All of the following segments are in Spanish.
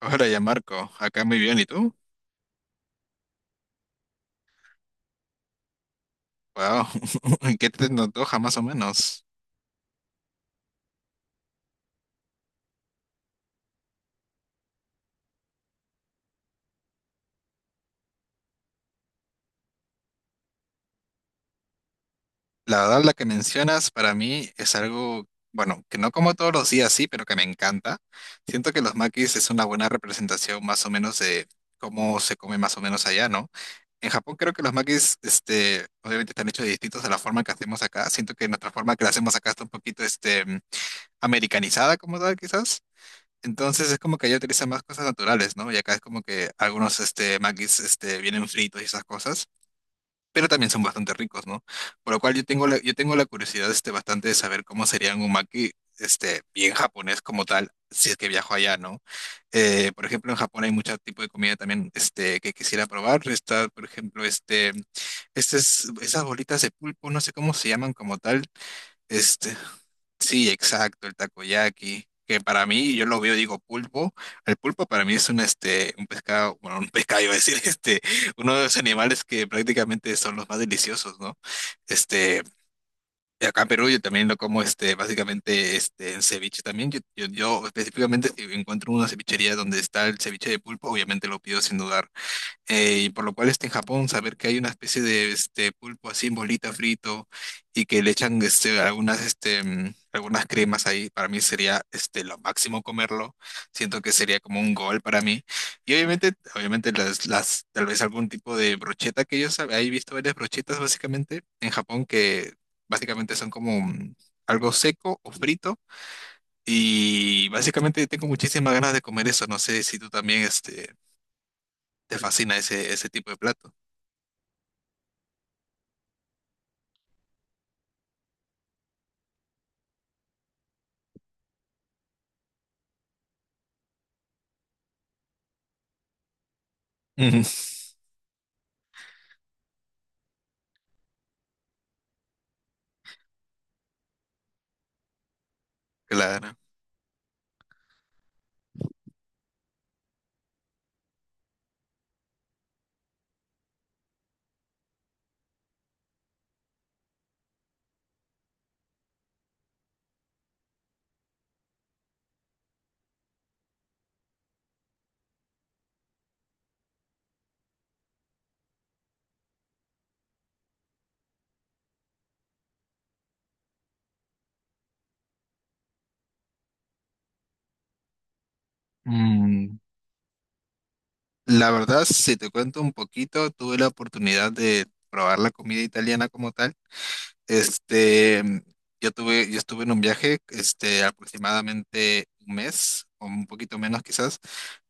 Hola, ya Marco, acá muy bien, ¿y tú? Wow, ¿en qué te antoja más o menos? La verdad, la que mencionas para mí es algo, bueno, que no como todos los días, sí, pero que me encanta. Siento que los makis es una buena representación más o menos de cómo se come más o menos allá, ¿no? En Japón creo que los makis, obviamente están hechos distintos a la forma que hacemos acá. Siento que nuestra forma que la hacemos acá está un poquito, americanizada como tal, quizás. Entonces es como que allá utilizan más cosas naturales, ¿no? Y acá es como que algunos maquis vienen fritos y esas cosas, pero también son bastante ricos, ¿no? Por lo cual yo tengo la curiosidad bastante de saber cómo serían un maki bien japonés como tal, si es que viajo allá, ¿no? Por ejemplo, en Japón hay mucho tipo de comida también que quisiera probar. Está, por ejemplo, estas esas bolitas de pulpo, no sé cómo se llaman como tal. Este, Sí, exacto, el takoyaki, que para mí, yo lo veo, digo pulpo, el pulpo para mí es un pescado, bueno, un pescado, iba a decir, uno de los animales que prácticamente son los más deliciosos, ¿no? Este, acá en Perú yo también lo como, básicamente, en ceviche también, yo específicamente, si encuentro una cevichería donde está el ceviche de pulpo, obviamente lo pido sin dudar. Y por lo cual en Japón, saber que hay una especie de este pulpo así en bolita frito y que le echan algunas cremas ahí, para mí sería lo máximo comerlo. Siento que sería como un gol para mí. Y obviamente las tal vez algún tipo de brocheta que yo sabía, he visto varias brochetas básicamente en Japón que básicamente son como algo seco o frito, y básicamente tengo muchísimas ganas de comer eso. No sé si tú también te fascina ese tipo de plato. Ujú. Claro. Mm, la verdad, si te cuento un poquito, tuve la oportunidad de probar la comida italiana como tal. Este, mm, yo estuve en un viaje, aproximadamente un mes, o un poquito menos quizás.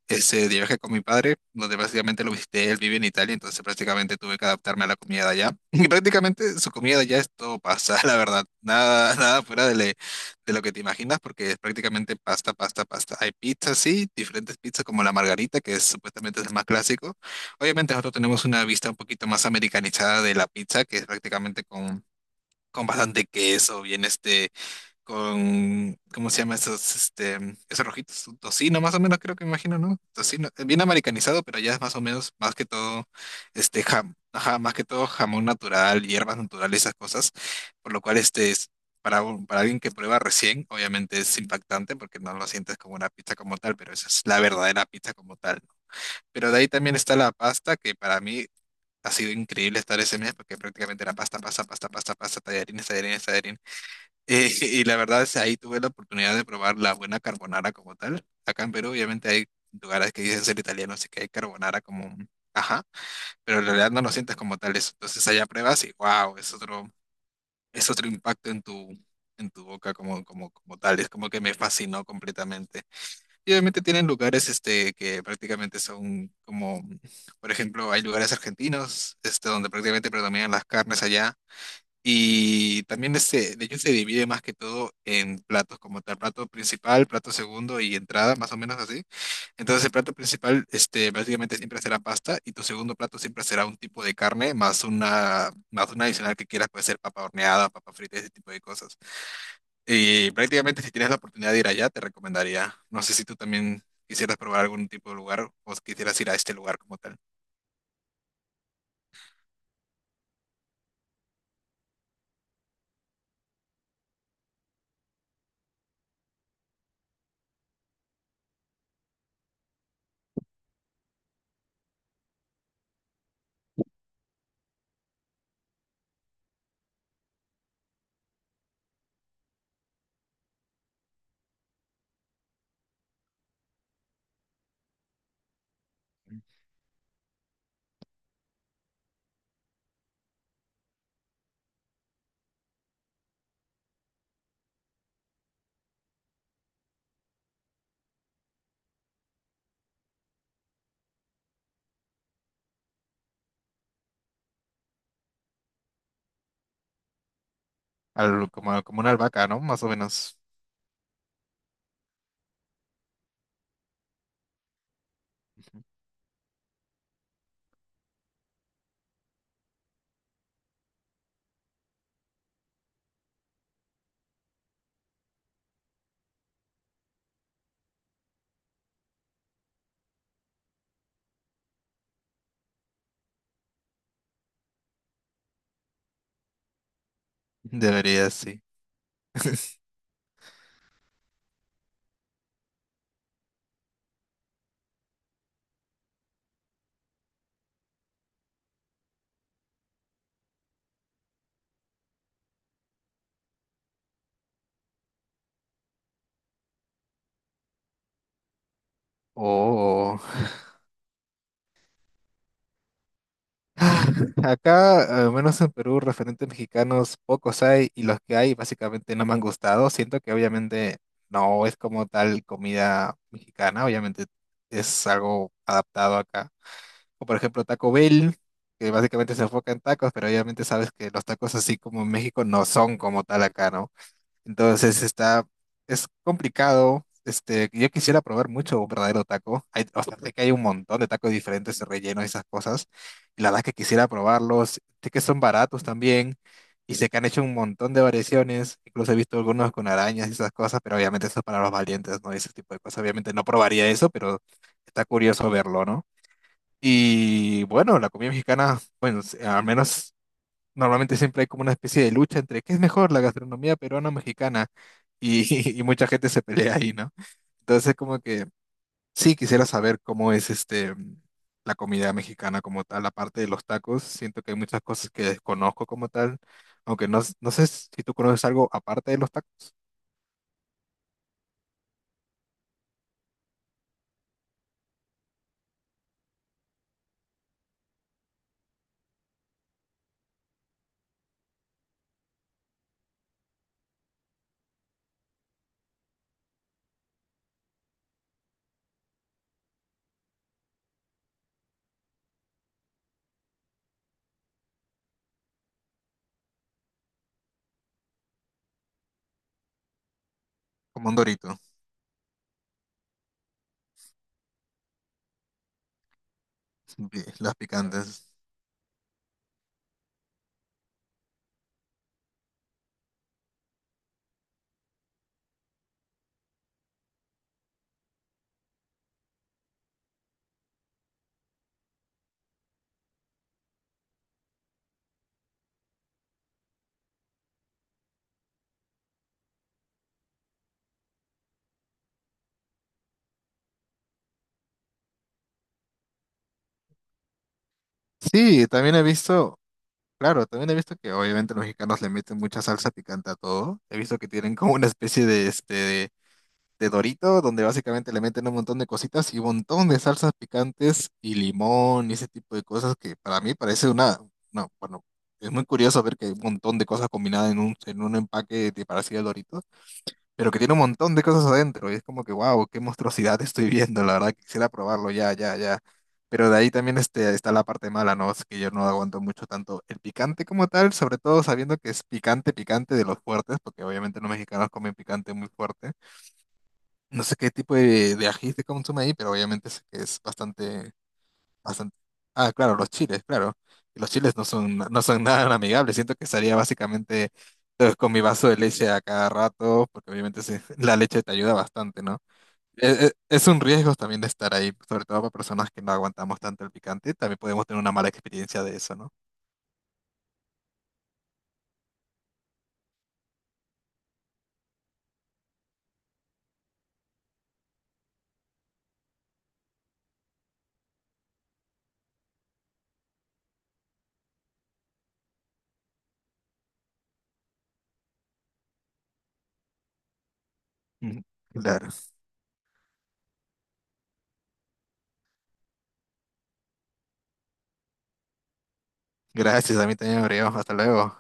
Ese de viaje con mi padre, donde básicamente lo visité, él vive en Italia, entonces prácticamente tuve que adaptarme a la comida de allá. Y prácticamente su comida de allá es todo pasta, la verdad. Nada, nada fuera de lo que te imaginas, porque es prácticamente pasta, pasta, pasta. Hay pizzas, sí, diferentes pizzas como la margarita, que supuestamente es el más clásico. Obviamente nosotros tenemos una vista un poquito más americanizada de la pizza, que es prácticamente con bastante queso, bien con, ¿cómo se llama esos rojitos? Un tocino, más o menos, creo que me imagino, ¿no? Tocino, bien americanizado, pero ya es más o menos, más que todo, ajá, más que todo jamón natural, hierbas naturales, esas cosas, por lo cual es, para alguien que prueba recién, obviamente es impactante porque no lo sientes como una pizza como tal, pero esa es la verdadera pizza como tal, ¿no? Pero de ahí también está la pasta, que para mí ha sido increíble estar ese mes, porque prácticamente era pasta, pasta, pasta, pasta, pasta, tallarines, tallarines, tallarines. Y la verdad es ahí tuve la oportunidad de probar la buena carbonara como tal. Acá en Perú, obviamente, hay lugares que dicen ser italianos y que hay carbonara ajá, pero en realidad no lo sientes como tal eso. Entonces allá pruebas y wow, es otro impacto en tu boca como tal. Es como que me fascinó completamente. Y obviamente tienen lugares que prácticamente son como, por ejemplo, hay lugares argentinos donde prácticamente predominan las carnes allá, y también de hecho se divide más que todo en platos, como tal, plato principal, plato segundo y entrada, más o menos así. Entonces el plato principal, básicamente siempre será pasta, y tu segundo plato siempre será un tipo de carne más una, adicional que quieras, puede ser papa horneada, papa frita, ese tipo de cosas. Y prácticamente si tienes la oportunidad de ir allá, te recomendaría. No sé si tú también quisieras probar algún tipo de lugar, o quisieras ir a este lugar como tal. Como una albahaca, ¿no? Más o menos. Debería, sí. Oh. Acá, al menos en Perú, referentes mexicanos pocos hay y los que hay básicamente no me han gustado. Siento que obviamente no es como tal comida mexicana, obviamente es algo adaptado acá. O por ejemplo Taco Bell, que básicamente se enfoca en tacos, pero obviamente sabes que los tacos así como en México no son como tal acá, ¿no? Entonces está, es complicado. Yo quisiera probar mucho un verdadero taco. Hay, o sea, sé que hay un montón de tacos diferentes, de relleno y esas cosas. Y la verdad que quisiera probarlos. Sé que son baratos también. Y sé que han hecho un montón de variaciones. Incluso he visto algunos con arañas y esas cosas, pero obviamente eso es para los valientes, ¿no? Ese tipo de cosas. Obviamente no probaría eso, pero está curioso verlo, ¿no? Y bueno, la comida mexicana, bueno, al menos normalmente siempre hay como una especie de lucha entre qué es mejor, la gastronomía peruana o mexicana, y, y mucha gente se pelea ahí, ¿no? Entonces, como que sí, quisiera saber cómo es la comida mexicana como tal, aparte de los tacos. Siento que hay muchas cosas que desconozco como tal, aunque no sé si tú conoces algo aparte de los tacos, como un Dorito. Las picantes. Sí, también he visto. Claro, también he visto que obviamente los mexicanos le meten mucha salsa picante a todo. He visto que tienen como una especie de Dorito, donde básicamente le meten un montón de cositas y un montón de salsas picantes y limón, y ese tipo de cosas que para mí parece una, bueno, es muy curioso ver que hay un montón de cosas combinadas en un empaque de parecido al Dorito, pero que tiene un montón de cosas adentro. Y es como que, wow, qué monstruosidad estoy viendo. La verdad, quisiera probarlo ya, ya, ya. Pero de ahí también está la parte mala, ¿no? Es que yo no aguanto mucho tanto el picante como tal, sobre todo sabiendo que es picante, picante de los fuertes, porque obviamente los mexicanos comen picante muy fuerte. No sé qué tipo de ají se consume ahí, pero obviamente sé que es bastante. Bastante. Ah, claro. Los chiles no son, no son nada amigables. Siento que estaría básicamente con mi vaso de leche a cada rato, porque obviamente la leche te ayuda bastante, ¿no? Es un riesgo también de estar ahí, sobre todo para personas que no aguantamos tanto el picante. También podemos tener una mala experiencia de eso, ¿no? Ujú. Claro. Gracias, a mí también me abrió. Hasta luego.